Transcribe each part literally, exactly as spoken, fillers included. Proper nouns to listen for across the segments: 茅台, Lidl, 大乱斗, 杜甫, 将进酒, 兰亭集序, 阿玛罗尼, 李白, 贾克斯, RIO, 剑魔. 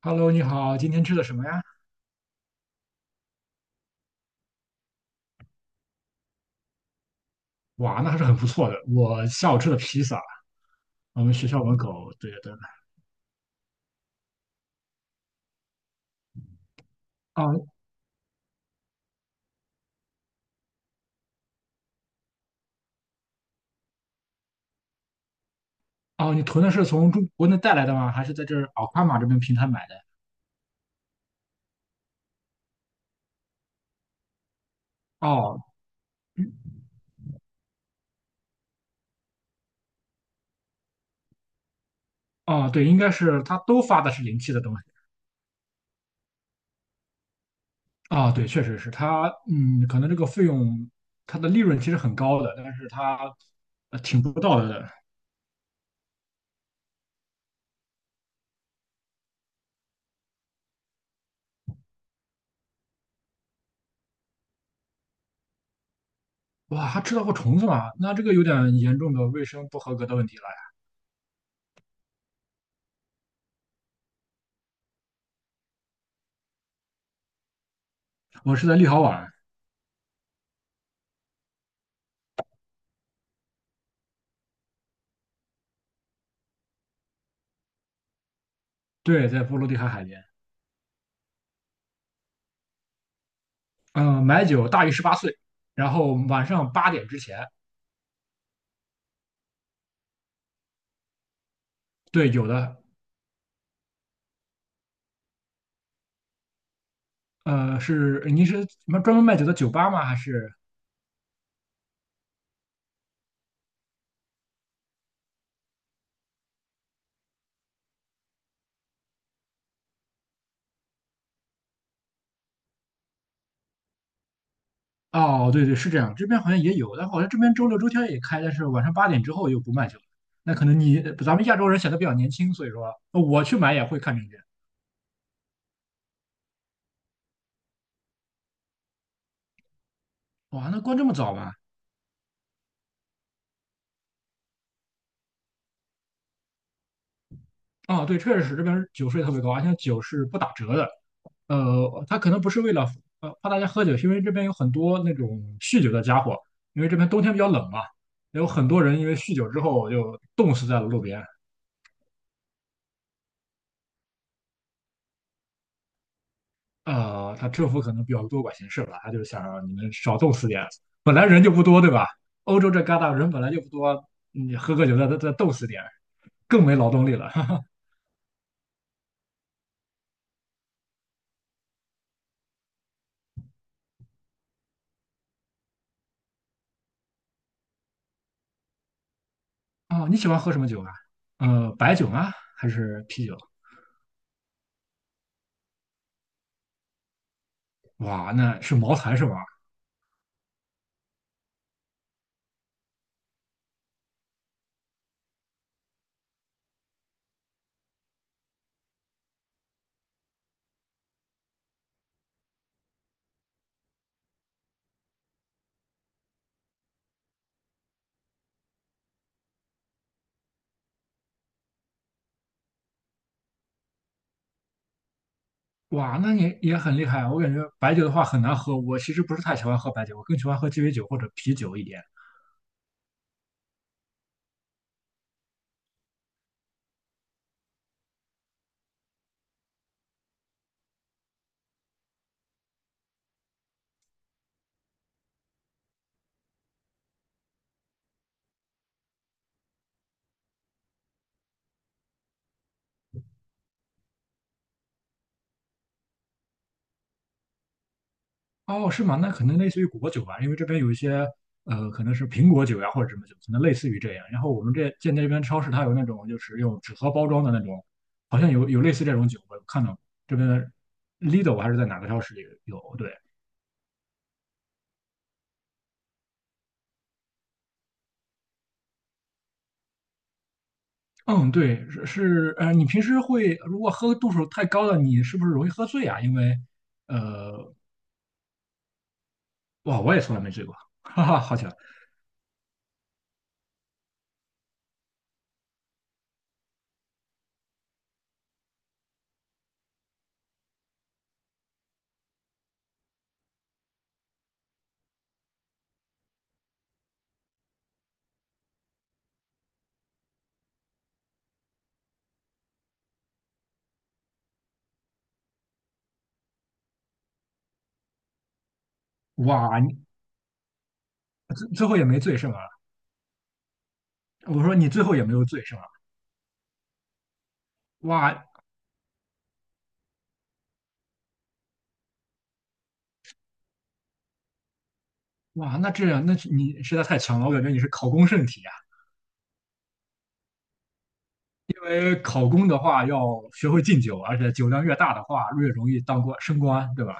Hello，你好，今天吃的什么呀？哇，那还是很不错的。我下午吃的披萨，我们学校门口。对对。哦哦，你囤的是从中国内带来的吗？还是在这儿奥卡玛这边平台买的？哦嗯哦，对，应该是他都发的是临期的东西。啊、对，确实是他，嗯，可能这个费用，它的利润其实很高的，但是它呃挺不道德的。哇，还吃到过虫子吗？那这个有点严重的卫生不合格的问题了呀。我是在立陶宛，对，在波罗的海海边。嗯，买酒大于十八岁，然后晚上八点之前，对，有的。呃，是您是什么专门卖酒的酒吧吗？还是？哦，对对，是这样，这边好像也有，但好像这边周六周天也开，但是晚上八点之后又不卖酒了。那可能你咱们亚洲人显得比较年轻，所以说呃我去买也会看证件。哇，那关这么早吗？哦，对，确实是这边酒税特别高，而且酒是不打折的。呃，他可能不是为了呃怕大家喝酒，是因为这边有很多那种酗酒的家伙，因为这边冬天比较冷嘛，有很多人因为酗酒之后就冻死在了路边。呃，他政府可能比较多管闲事吧，他就想让你们少冻死点。本来人就不多，对吧？欧洲这旮沓人本来就不多，你喝个酒再再再冻死点，更没劳动力了。哦，你喜欢喝什么酒啊？呃，白酒吗？还是啤酒？哇，那是茅台是吧？哇，那你也很厉害啊。我感觉白酒的话很难喝，我其实不是太喜欢喝白酒，我更喜欢喝鸡尾酒或者啤酒一点。哦，是吗？那可能类似于果酒吧，因为这边有一些呃，可能是苹果酒呀或者什么酒，可能类似于这样。然后我们这见这边超市它有那种就是用纸盒包装的那种，好像有有类似这种酒，我有看到过这边的 Lidl 还是在哪个超市里有？对，嗯，对，是是呃，你平时会如果喝度数太高了，你是不是容易喝醉啊？因为呃，哇，我也从来没醉过，哈哈，好巧。哇，你最最后也没醉是吗？我说你最后也没有醉是吗？哇哇，那这样，那是你实在太强了，我感觉你是考公圣体啊。因为考公的话要学会敬酒，而且酒量越大的话越容易当官升官，对吧？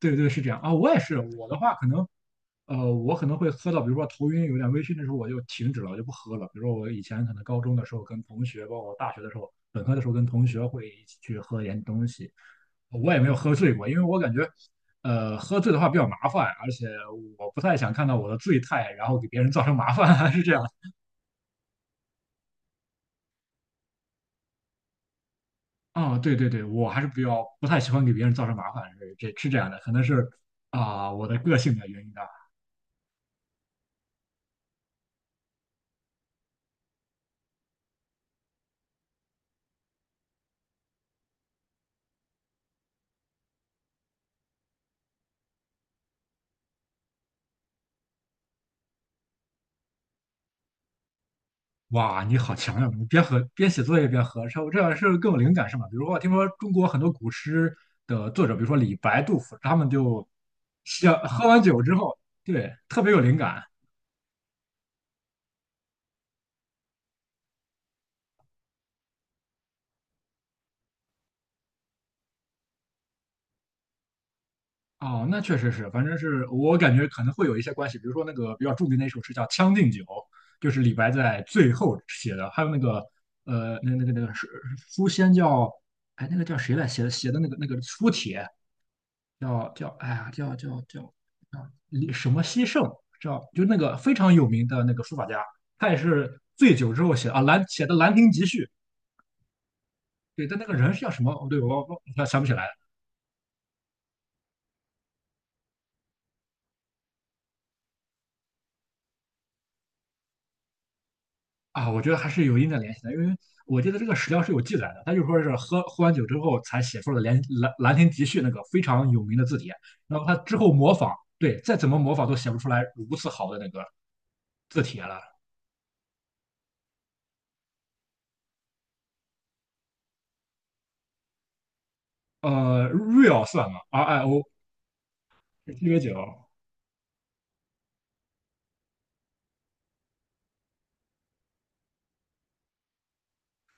对对，是这样啊。我也是，我的话可能呃，我可能会喝到，比如说头晕有点微醺的时候，我就停止了，我就不喝了。比如说我以前可能高中的时候跟同学，包括大学的时候，本科的时候跟同学会一起去喝点东西，呃我也没有喝醉过，因为我感觉，呃，喝醉的话比较麻烦，而且我不太想看到我的醉态，然后给别人造成麻烦，还是这样。啊、对对对，我还是比较不太喜欢给别人造成麻烦，是这是这样的，可能是啊、我的个性的原因吧。哇，你好强呀！你边喝边写作业边合唱，这样是更有灵感是吗？比如说，我听说中国很多古诗的作者，比如说李白、杜甫，他们就想喝完酒之后，对，特别有灵感。哦，那确实是，反正是我感觉可能会有一些关系。比如说那个比较著名的一首诗叫《将进酒》，就是李白在最后写的。还有那个呃，那那个那个是书仙叫哎，那个叫谁来写的写的那个那个书帖叫叫哎呀叫叫叫李什么西圣，知道就那个非常有名的那个书法家，他也是醉酒之后写啊兰写的《兰亭集序》。对，但那个人是叫什么？哦对，我我我想不起来了啊。我觉得还是有一定的联系的，因为我记得这个史料是有记载的，他就说是喝喝完酒之后才写出了兰《兰兰兰亭集序》那个非常有名的字帖，然后他之后模仿，对，再怎么模仿都写不出来如此好的那个字帖了。呃，real 算吗？R I O 是鸡尾酒。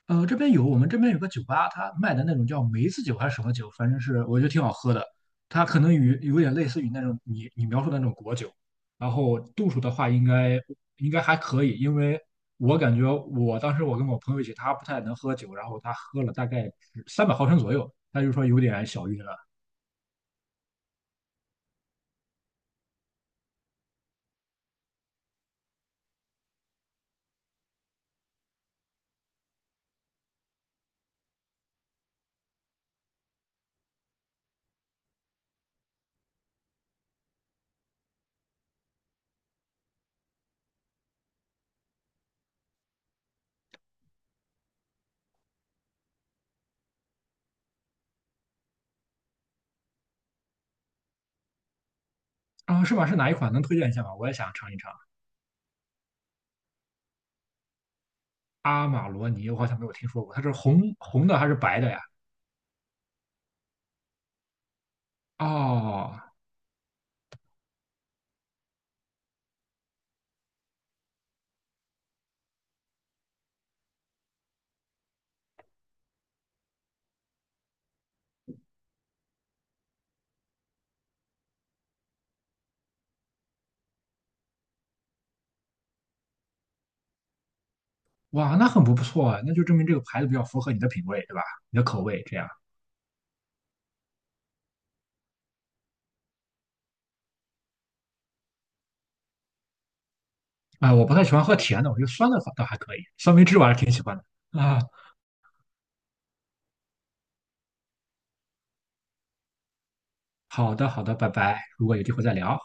呃，这边有，我们这边有个酒吧，它卖的那种叫梅子酒还是什么酒，反正是我觉得挺好喝的。它可能与有点类似于那种你你描述的那种果酒，然后度数的话应该应该还可以，因为我感觉我当时我跟我朋友一起，他不太能喝酒，然后他喝了大概三百毫升左右，他就说有点小晕了。啊，是吗？是哪一款？能推荐一下吗？我也想尝一尝。阿玛罗尼，我好像没有听说过，它是红红的还是白的呀？哦，哇，那很不错啊，那就证明这个牌子比较符合你的品味，对吧？你的口味这样。啊，我不太喜欢喝甜的，我觉得酸的反倒还可以，酸梅汁我还是挺喜欢的。啊，好的，好的，拜拜，如果有机会再聊。